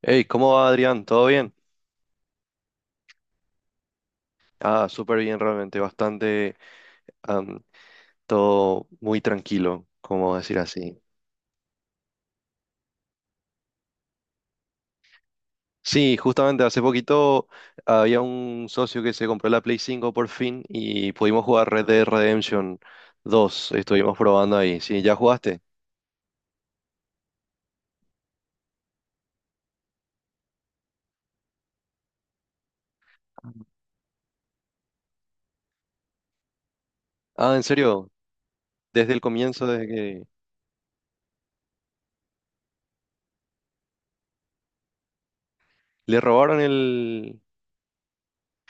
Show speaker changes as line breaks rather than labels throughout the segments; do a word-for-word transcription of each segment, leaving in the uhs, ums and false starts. Hey, ¿cómo va Adrián? ¿Todo bien? Ah, súper bien realmente, bastante, am, todo muy tranquilo, como decir así. Sí, justamente hace poquito había un socio que se compró la Play cinco por fin y pudimos jugar Red Dead Redemption dos. Estuvimos probando ahí. Sí, ¿ya jugaste? Ah, ¿en serio? Desde el comienzo, desde que le robaron el...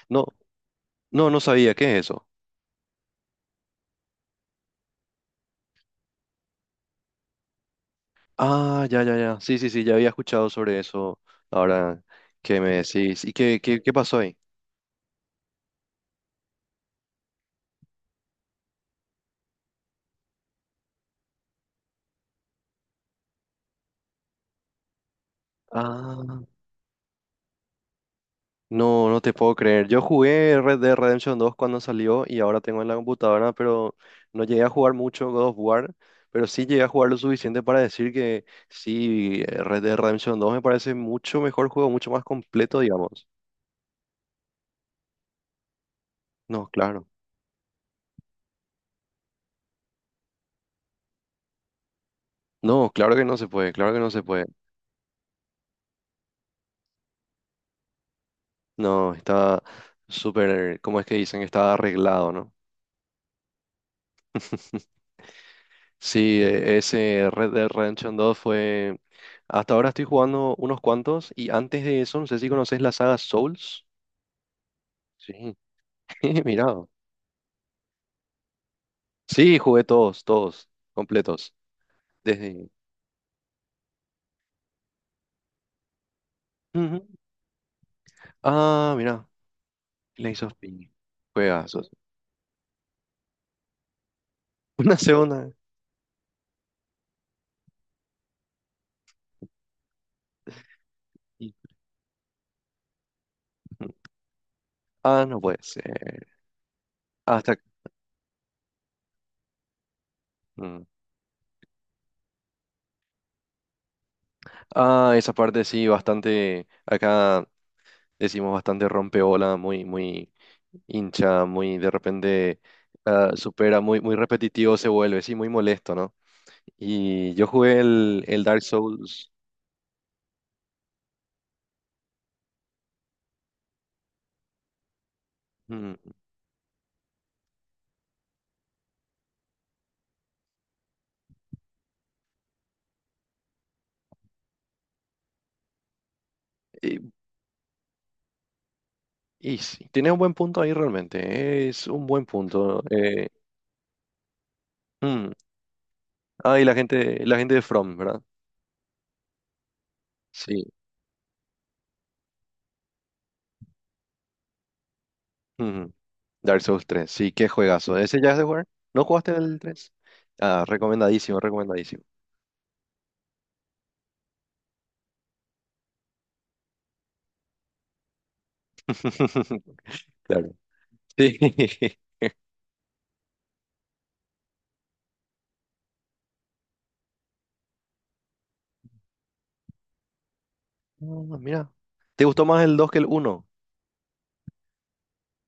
No, no, no sabía, ¿qué es eso? Ah, ya, ya, ya. Sí, sí, sí, ya había escuchado sobre eso ahora que me decís. ¿Y qué, qué, qué pasó ahí? Ah, no, no te puedo creer. Yo jugué Red Dead Redemption dos cuando salió y ahora tengo en la computadora, pero no llegué a jugar mucho God of War, pero sí llegué a jugar lo suficiente para decir que sí, eh, Red Dead Redemption dos me parece mucho mejor juego, mucho más completo, digamos. No, claro. No, claro que no se puede, claro que no se puede. No, está súper, ¿cómo es que dicen? Está arreglado, ¿no? Sí, e- ese Red Dead Redemption dos fue... Hasta ahora estoy jugando unos cuantos y antes de eso, no sé si conoces la saga Souls. Sí, mirado. Sí, jugué todos, todos, completos. Desde... Ujú. Ah, mira, Lies of P. Juegazos. Una segunda. y- Ah, no puede ser. Hasta... Mm. Ah, esa parte sí, bastante... Acá decimos bastante rompeola, muy, muy... hincha, muy de repente ah, supera, muy, muy repetitivo se vuelve, sí, muy molesto, ¿no? Y yo jugué el, el Dark Souls. mm, Y, y sí, tiene un buen punto ahí realmente, es un buen punto. Eh, mm, ah, y la gente, la gente de From, ¿verdad? Sí. Ujú. Dark Souls tres sí, qué juegazo. ¿Ese ya has de jugar? ¿No jugaste el tres? Ah, recomendadísimo, recomendadísimo. Claro. Sí. Ah, mira. ¿Te gustó más el dos que el uno?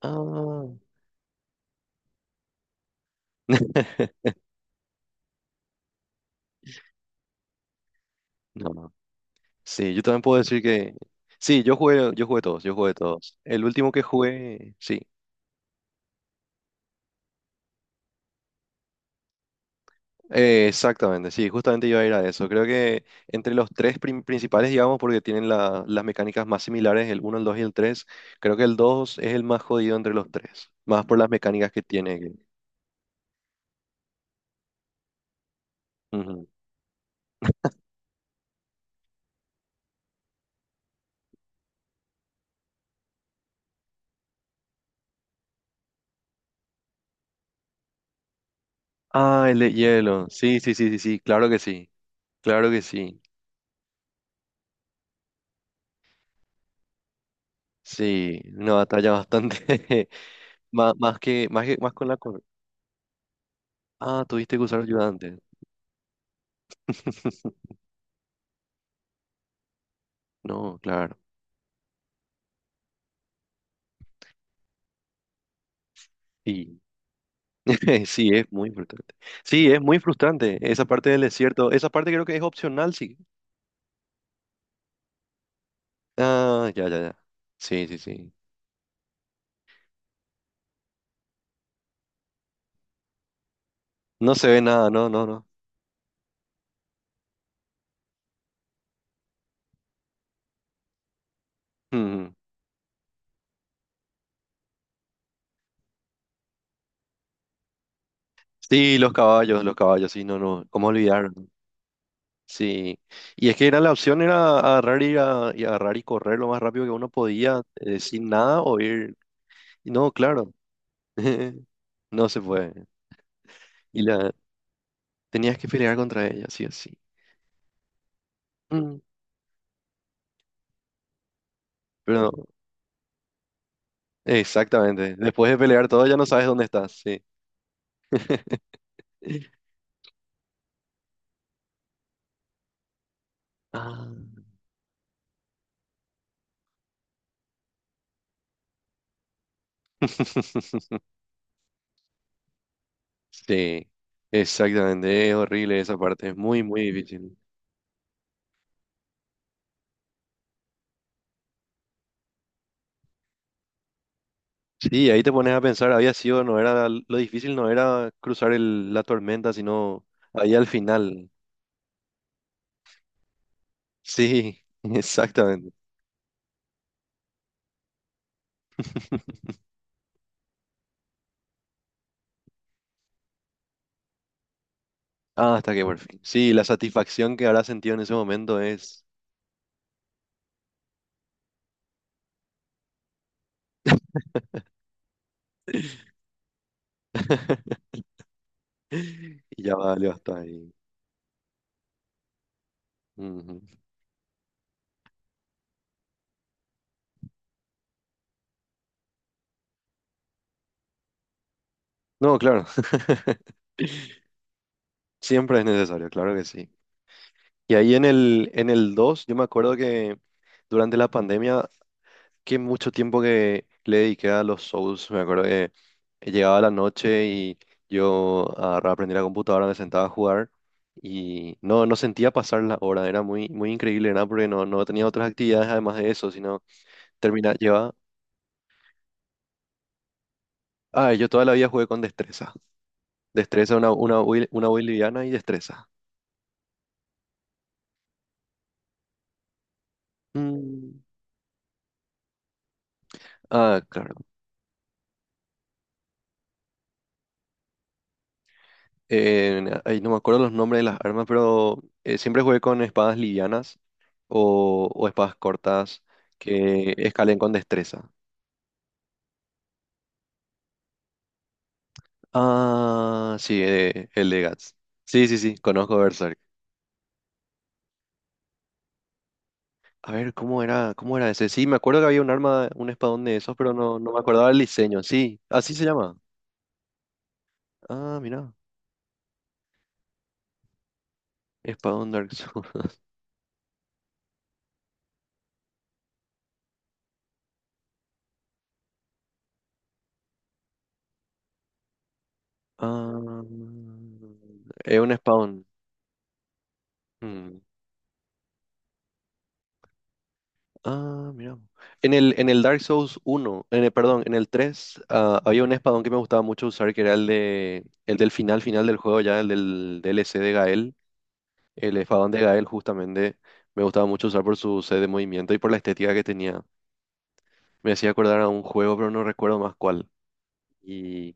Ah. No. No. Sí, yo también puedo decir que... Sí, yo jugué, yo jugué todos, yo jugué todos. El último que jugué, sí. Eh, exactamente, sí, justamente iba a ir a eso. Creo que entre los tres prim- principales, digamos, porque tienen la- las mecánicas más similares, el uno, el dos y el tres. Creo que el dos es el más jodido entre los tres, más por las mecánicas que tiene. que- Ujú. Ah, el de hielo. Sí, sí, sí, sí, sí, claro que sí, claro que sí. Sí, una batalla bastante... más, más que, más que, más con la... cor- Ah, tuviste que usar ayudante. No, claro. Y sí, es muy frustrante. Sí, es muy frustrante esa parte del desierto. Esa parte creo que es opcional, sí. Ah, ya, ya, ya. Sí, sí, sí. No se ve nada, no, no, no. Mm. Sí, los caballos, los caballos, sí, no, no. ¿Cómo olvidar? Sí. Y es que era la opción, era agarrar y, ir a- y agarrar y correr lo más rápido que uno podía, eh, sin nada, o ir. Y no, claro. No se puede. Y la tenías que pelear contra ella, sí, así. Pero exactamente. Después de pelear todo ya no sabes dónde estás, sí. Ah. Sí, exactamente. Es horrible esa parte. Es muy, muy difícil. Sí, ahí te pones a pensar, había sido, no era, lo difícil no era cruzar el- la tormenta, sino ahí al final. Sí, exactamente. Ah, hasta que por fin. Sí, la satisfacción que habrás sentido en ese momento es... Y ya valió hasta ahí. Ujú. No, claro. Siempre es necesario, claro que sí. Y ahí en el, en el dos yo me acuerdo que durante la pandemia, que mucho tiempo que le dediqué a los Souls, me acuerdo que llegaba la noche y yo agarraba, prendía la computadora, me sentaba a jugar y no, no sentía pasar la hora, era muy, muy increíble, ¿verdad? Porque no, no tenía otras actividades además de eso, sino terminar, llevaba... Ah, yo toda la vida jugué con destreza. Destreza, una, una, build- una build liviana y destreza. Mm. Ah, claro. eh, ahí no me acuerdo los nombres de las armas, pero eh, siempre jugué con espadas livianas o, o espadas cortas que escalen con destreza. Ah, sí, eh, el de Guts. Sí, sí, sí, conozco Berserk. A ver, ¿cómo era, cómo era ese? Sí, me acuerdo que había un arma, un espadón de esos, pero no, no me acordaba el diseño. Sí, así se llama. Ah, mira, espadón Dark Souls. Ah, es un espadón. Mm. Ah, mira. En el, en el Dark Souls uno, en el, perdón, en el tres ah, había un espadón que me gustaba mucho usar, que era el de, el del final final del juego, ya el del D L C de Gael. El espadón de Gael, justamente, me gustaba mucho usar por su sed de movimiento y por la estética que tenía. Me hacía acordar a un juego, pero no recuerdo más cuál. Y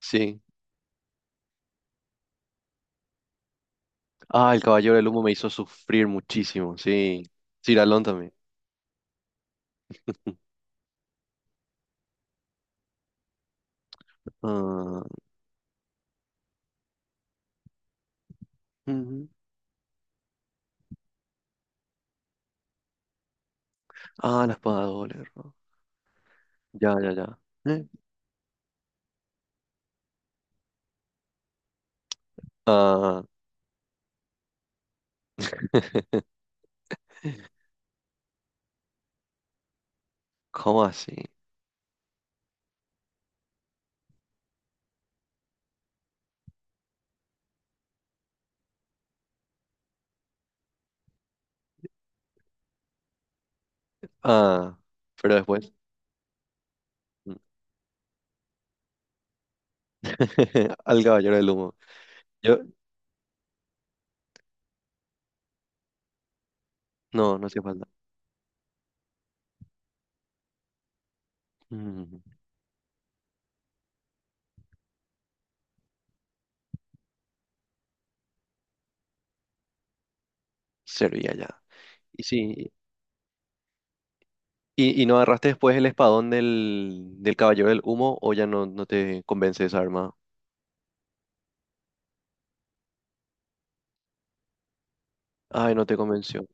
sí. Ah, el Caballero del Humo me hizo sufrir muchísimo, sí. Ciralón también. Ah, ujú. Ah, la espada de doble, ¿no? Ya, ya, ya. ¿Eh? Ah, ¿cómo así? Ah, pero después. mm, Al caballero del humo. Yo, no, no hacía falta. Mm, servía ya. Y sí. ¿Y, y no agarraste después el espadón del, del caballero del humo o ya no, no te convence esa arma? Ay, no te convenció.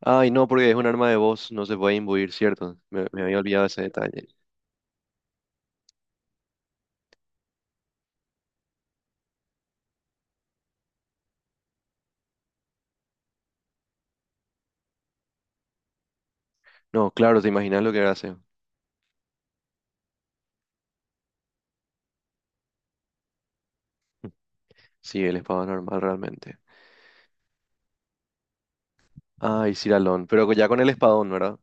Ay, no, porque es un arma de voz, no se puede imbuir, ¿cierto? Me, me había olvidado ese detalle. No, claro, te imaginas lo que hace. Sí, el espadón normal realmente. Ay, Ciralón, pero ya con el espadón, ¿verdad?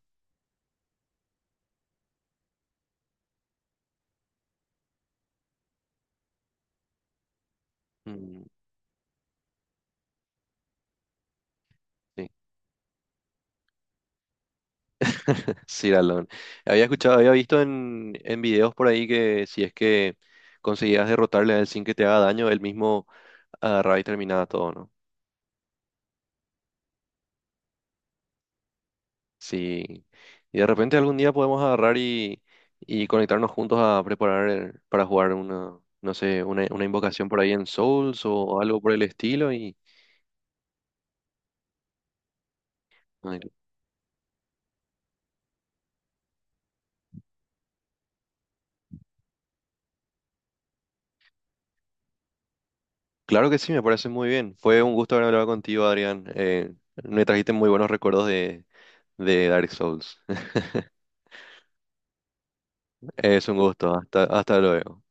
Mm, sí. Sí, Ciralón. Había escuchado, había visto en, en videos por ahí que si es que conseguías derrotarle a él sin que te haga daño, él mismo agarraba y terminaba todo, ¿no? Sí. Y de repente algún día podemos agarrar y, y conectarnos juntos a preparar el- para jugar una, no sé, una, una invocación por ahí en Souls o algo por el estilo. Y ay, claro que sí, me parece muy bien. Fue un gusto haber hablado contigo, Adrián. Eh, me trajiste muy buenos recuerdos de, de, Dark Souls. Es un gusto. Hasta, hasta luego.